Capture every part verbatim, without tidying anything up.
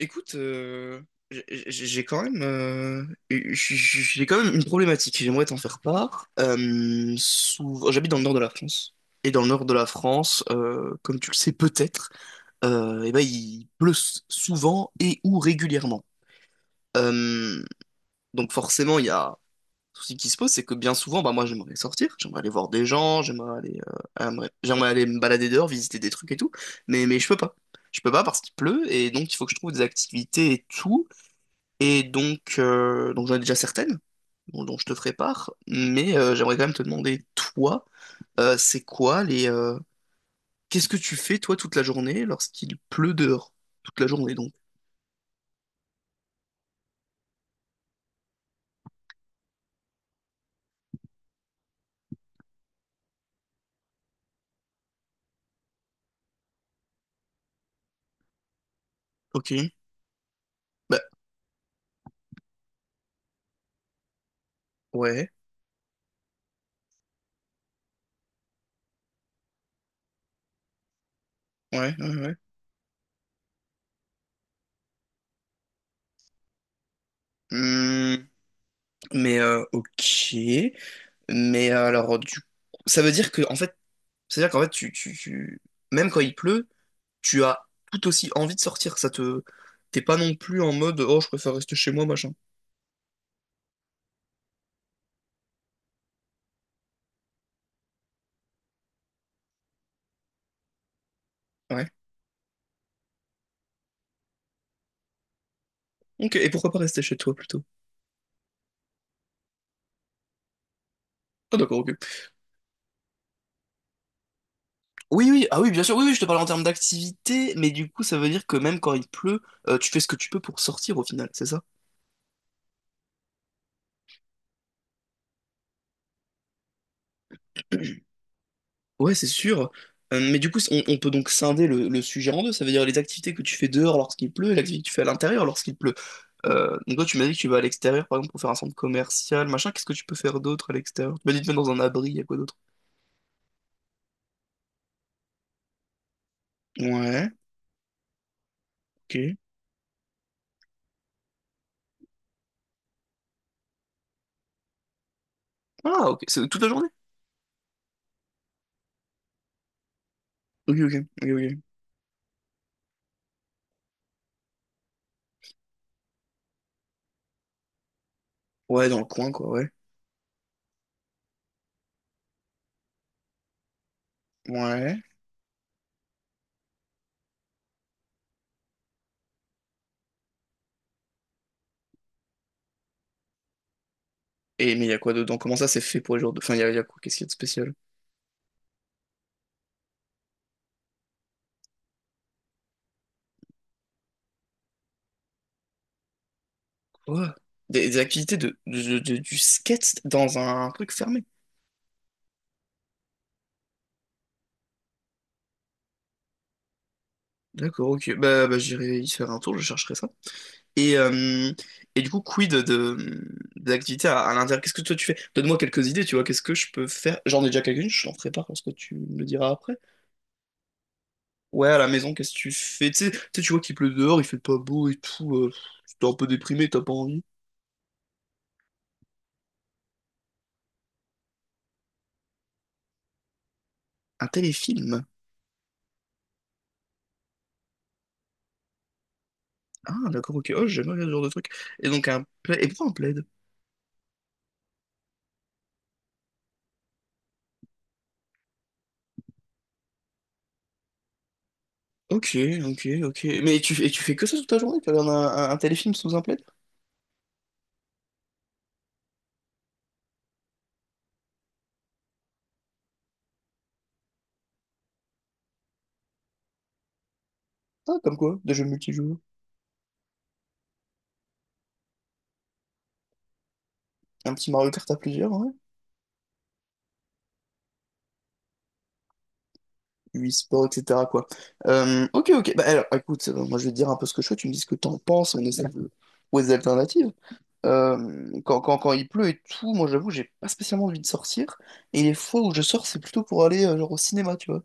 Écoute, euh, j'ai j'ai- j'ai quand même, euh, j'ai j'ai quand même une problématique. J'aimerais t'en faire part. Euh, souvent- j'habite dans le nord de la France. Et dans le nord de la France, euh, comme tu le sais peut-être, euh, eh ben, il pleut s- souvent et ou régulièrement. Euh, donc forcément, il y a un souci qui se pose, c'est que bien souvent, bah, moi j'aimerais sortir, j'aimerais aller voir des gens, j'aimerais aller, euh, j'aimerais j'aimerais aller me balader dehors, visiter des trucs et tout, mais, mais je peux pas. Je peux pas parce qu'il pleut et donc il faut que je trouve des activités et tout. Et donc, euh, donc j'en ai déjà certaines dont, dont je te ferai part, mais euh, j'aimerais quand même te demander, toi, euh, c'est quoi les... euh, qu'est-ce que tu fais, toi, toute la journée lorsqu'il pleut dehors? Toute la journée, donc. Ok. Bah, ouais, ouais, ouais, ouais. Hmm, mais, euh, ok. Mais euh, alors, du ça veut dire que, en fait, c'est-à-dire qu'en fait, tu, tu, tu- même quand il pleut, tu as tout aussi envie de sortir. Ça te... T'es pas non plus en mode, oh, je préfère rester chez moi, machin. Ouais. Ok, et pourquoi pas rester chez toi plutôt? Ah d'accord, ok. Oui, oui, ah oui, bien sûr, oui, oui, je te parle en termes d'activité, mais du coup, ça veut dire que même quand il pleut, euh, tu fais ce que tu peux pour sortir au final, c'est ça? Ouais, c'est sûr. Euh, mais du coup, on, on peut donc scinder le, le sujet en deux, ça veut dire les activités que tu fais dehors lorsqu'il pleut et l'activité que tu fais à l'intérieur lorsqu'il pleut. Euh, donc toi, tu m'as dit que tu vas à l'extérieur, par exemple, pour faire un centre commercial, machin, qu'est-ce que tu peux faire d'autre à l'extérieur? Tu m'as dit de mettre dans un abri, il y a quoi d'autre? Ouais, ok. Ah, ok, c'est toute la journée? Ok, ok, ok, ok. Ouais, dans le coin, quoi, ouais. Ouais. Et mais il y a quoi dedans? Comment ça c'est fait pour les joueurs de... Enfin, il y a, y a quoi? Qu'est-ce qu'il y a de spécial? Quoi? Des, des activités de, de- de- du skate dans un truc fermé. D'accord, ok. Bah, bah j'irai y faire un tour, je chercherai ça. Et, euh, et du coup, quid de, de- des activités à, à l'intérieur? Qu'est-ce que toi tu fais? Donne-moi quelques idées, tu vois, qu'est-ce que je peux faire? J'en ai déjà quelques-unes, je t'en ferai part parce que tu me le diras après. Ouais, à la maison, qu'est-ce que tu fais? Tu sais, tu sais, tu vois qu'il pleut dehors, il fait pas beau et tout. Euh, t'es un peu déprimé, t'as pas envie. Un téléfilm? Ah, d'accord, ok. Oh, j'aime bien ce genre de truc. Et donc, un plaid. Et pourquoi un plaid? Ok, ok, ok. Mais tu, et tu fais que ça toute ta journée? Tu regardes un, un- un téléfilm sous un plaid? Ah, comme quoi? Des jeux multijoueurs. Un petit Mario Kart à plusieurs, ouais. E-sport, et cetera, quoi. Euh, ok, ok. Bah, alors, écoute, euh, moi, je vais te dire un peu ce que je fais. Tu me dis ce que t'en penses. On essaie de trouver des alternatives. Euh, quand, quand, quand il pleut et tout, moi, j'avoue, j'ai pas spécialement envie de sortir. Et les fois où je sors, c'est plutôt pour aller, euh, genre, au cinéma, tu vois.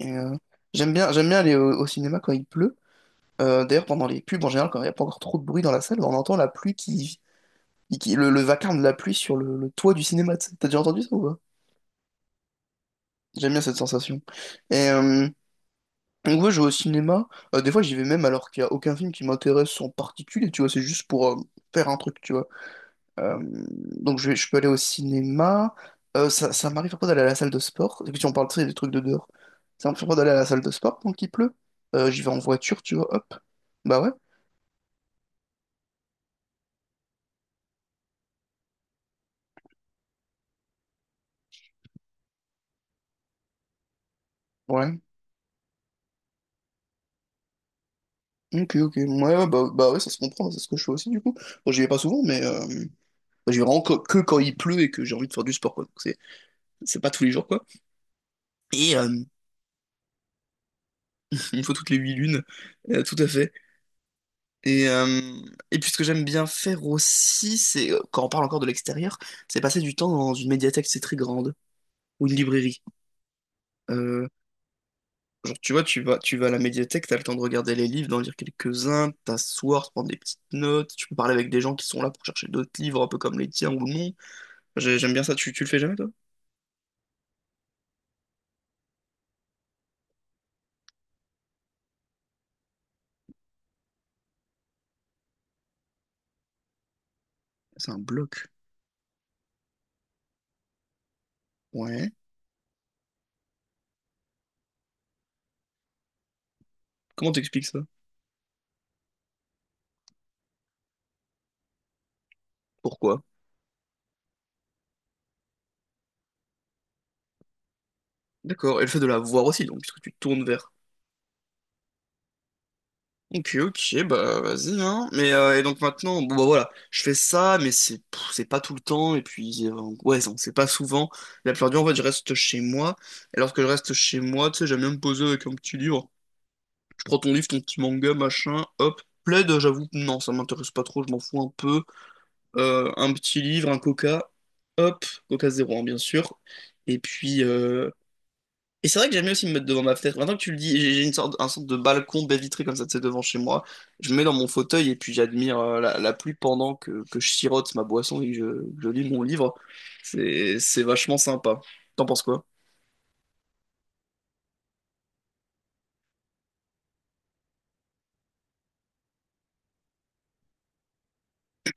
Et, euh, J'aime bien, j'aime bien aller au au cinéma quand il pleut. Euh, d'ailleurs, pendant les pubs, en général, quand il n'y a pas encore trop de bruit dans la salle, on entend la pluie qui... qui- le, le vacarme de la pluie sur le, le toit du cinéma. Tu sais. T'as déjà entendu ça ou pas? J'aime bien cette sensation. Et euh, donc, ouais, je vais au cinéma. Euh, des fois, j'y vais même alors qu'il n'y a aucun film qui m'intéresse en particulier, tu vois. C'est juste pour euh, faire un truc, tu vois. Euh, donc, je, vais- je peux aller au cinéma. Euh, ça ça m'arrive parfois d'aller à la salle de sport. Et puis, si on parle tu sais, des trucs de dehors. Ça m'arrive parfois d'aller à la salle de sport quand il pleut. Euh, j'y vais en voiture, tu vois. Hop. Bah ouais. Ouais. Ok, ok. Ouais, ouais, bah, bah ouais, ça se comprend, c'est ce que je fais aussi du coup. Bon, j'y vais pas souvent, mais euh, bah, j'y vais vraiment que, que quand il pleut et que j'ai envie de faire du sport, quoi. Donc, c'est, c'est pas tous les jours, quoi. Et euh, une fois toutes les huit lunes, euh, tout à fait. Et, euh, et puis ce que j'aime bien faire aussi, c'est, euh, quand on parle encore de l'extérieur, c'est passer du temps dans une médiathèque, c'est très grande, ou une librairie. Euh, genre, tu vois, tu vas, tu vas à la médiathèque, t'as le temps de regarder les livres, d'en lire quelques-uns, t'asseoir, te prendre des petites notes, tu peux parler avec des gens qui sont là pour chercher d'autres livres, un peu comme les tiens ou non. J'ai- J'aime bien ça. Tu, tu le fais jamais, toi? C'est un bloc. Ouais. Comment t'expliques ça? Pourquoi? D'accord. Et le fait de la voir aussi, donc, puisque tu te tournes vers. Ok, ok, bah vas-y, hein. Mais euh, et donc maintenant, bon bah voilà, je fais ça, mais c'est pff, c'est pas tout le temps, et puis euh, ouais, non, c'est pas souvent. La plupart du temps, en fait, je reste chez moi. Et lorsque je reste chez moi, tu sais, j'aime bien me poser avec un petit livre. Je prends ton livre, ton petit manga, machin, hop. Plaid, j'avoue, que non, ça m'intéresse pas trop, je m'en fous un peu. Euh, un petit livre, un coca, hop, coca zéro, hein, bien sûr. Et puis, euh, et c'est vrai que j'aime bien aussi me mettre devant ma fenêtre. Maintenant que tu le dis, j'ai j'ai une sorte, un sorte de balcon baie vitrée comme ça, tu sais, devant chez moi. Je me mets dans mon fauteuil et puis j'admire euh, la, la pluie pendant que, que je sirote ma boisson et que je, que je lis mon livre. C'est, c'est vachement sympa. T'en penses quoi?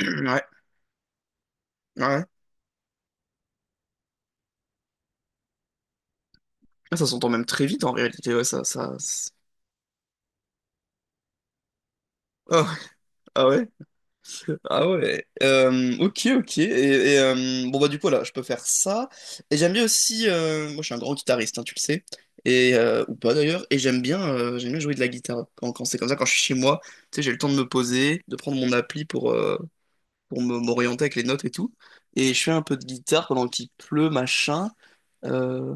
Ouais, ouais. Ah, ça s'entend même très vite en réalité, ouais, ça, ça. Ah, ah ouais. Ah ouais, euh, ok, ok. Et, et, euh, bon, bah, du coup, là, je peux faire ça. Et j'aime bien aussi. Euh, moi, je suis un grand guitariste, hein, tu le sais. Et, euh, ou pas d'ailleurs. Et j'aime bien, euh, j'aime bien jouer de la guitare. Quand, quand c'est comme ça, quand je suis chez moi, tu sais, j'ai le temps de me poser, de prendre mon appli pour, euh, pour me- m'orienter avec les notes et tout. Et je fais un peu de guitare pendant qu'il pleut, machin. Euh,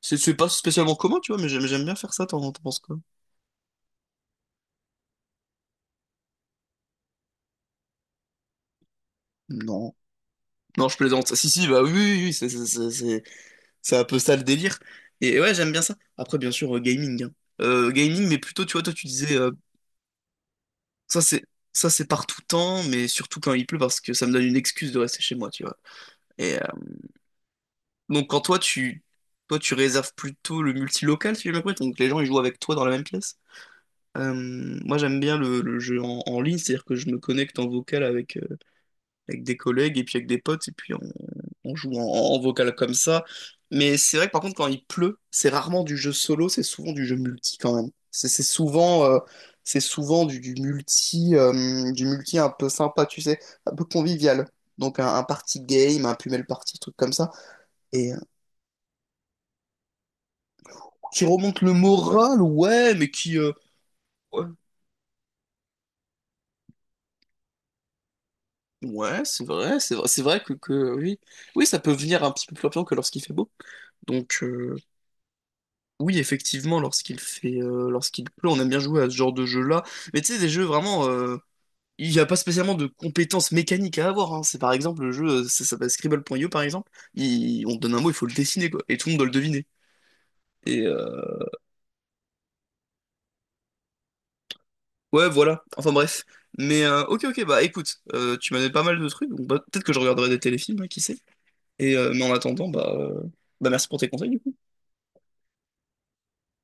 c'est c'est pas spécialement commun, tu vois, mais j'aime j'aime bien faire ça. T'en t'en penses quoi? Non. Non, je plaisante. Si, si, bah oui, oui, oui, c'est. c'est, c'est- c'est- c'est un peu ça le délire. Et et ouais, j'aime bien ça. Après, bien sûr, euh, gaming, hein. Euh, gaming, mais plutôt, tu vois, toi, tu disais, euh, ça c'est ça c'est par tout temps, mais surtout quand il pleut, parce que ça me donne une excuse de rester chez moi, tu vois. Et euh, donc, quand toi, tu toi, tu réserves plutôt le multilocal, si j'ai bien compris. Donc, les gens, ils jouent avec toi dans la même pièce. Euh, Moi, j'aime bien le, le jeu en, en ligne, c'est-à-dire que je me connecte en vocal avec, euh, avec des collègues et puis avec des potes, et puis on, on joue en, en vocal comme ça. Mais c'est vrai que par contre, quand il pleut, c'est rarement du jeu solo, c'est souvent du jeu multi quand même. C'est c'est souvent, euh, c'est souvent du, du multi, euh, du multi un peu sympa, tu sais, un peu convivial. Donc un, un party game, un Pumel party, truc comme ça. Et euh, qui remonte le moral, ouais, mais qui... euh, ouais, ouais, c'est vrai, c'est vrai, c'est vrai que, que oui. Oui, ça peut venir un petit peu plus rapidement que lorsqu'il fait beau. Donc... euh, Oui, effectivement, lorsqu'il fait, euh, lorsqu'il pleut, on aime bien jouer à ce genre de jeu-là. Mais tu sais, des jeux vraiment, euh, il n'y a pas spécialement de compétences mécaniques à avoir, hein. C'est par exemple le jeu, euh, ça s'appelle scribble point io par exemple. Il- on te donne un mot, il faut le dessiner quoi, et tout le monde doit le deviner. Et euh, ouais, voilà. Enfin bref. Mais euh, ok, ok, bah écoute, euh, tu m'as donné pas mal de trucs, donc bah, peut-être que je regarderai des téléfilms, hein, qui sait. Et euh, mais en attendant, bah, euh, bah merci pour tes conseils, du coup.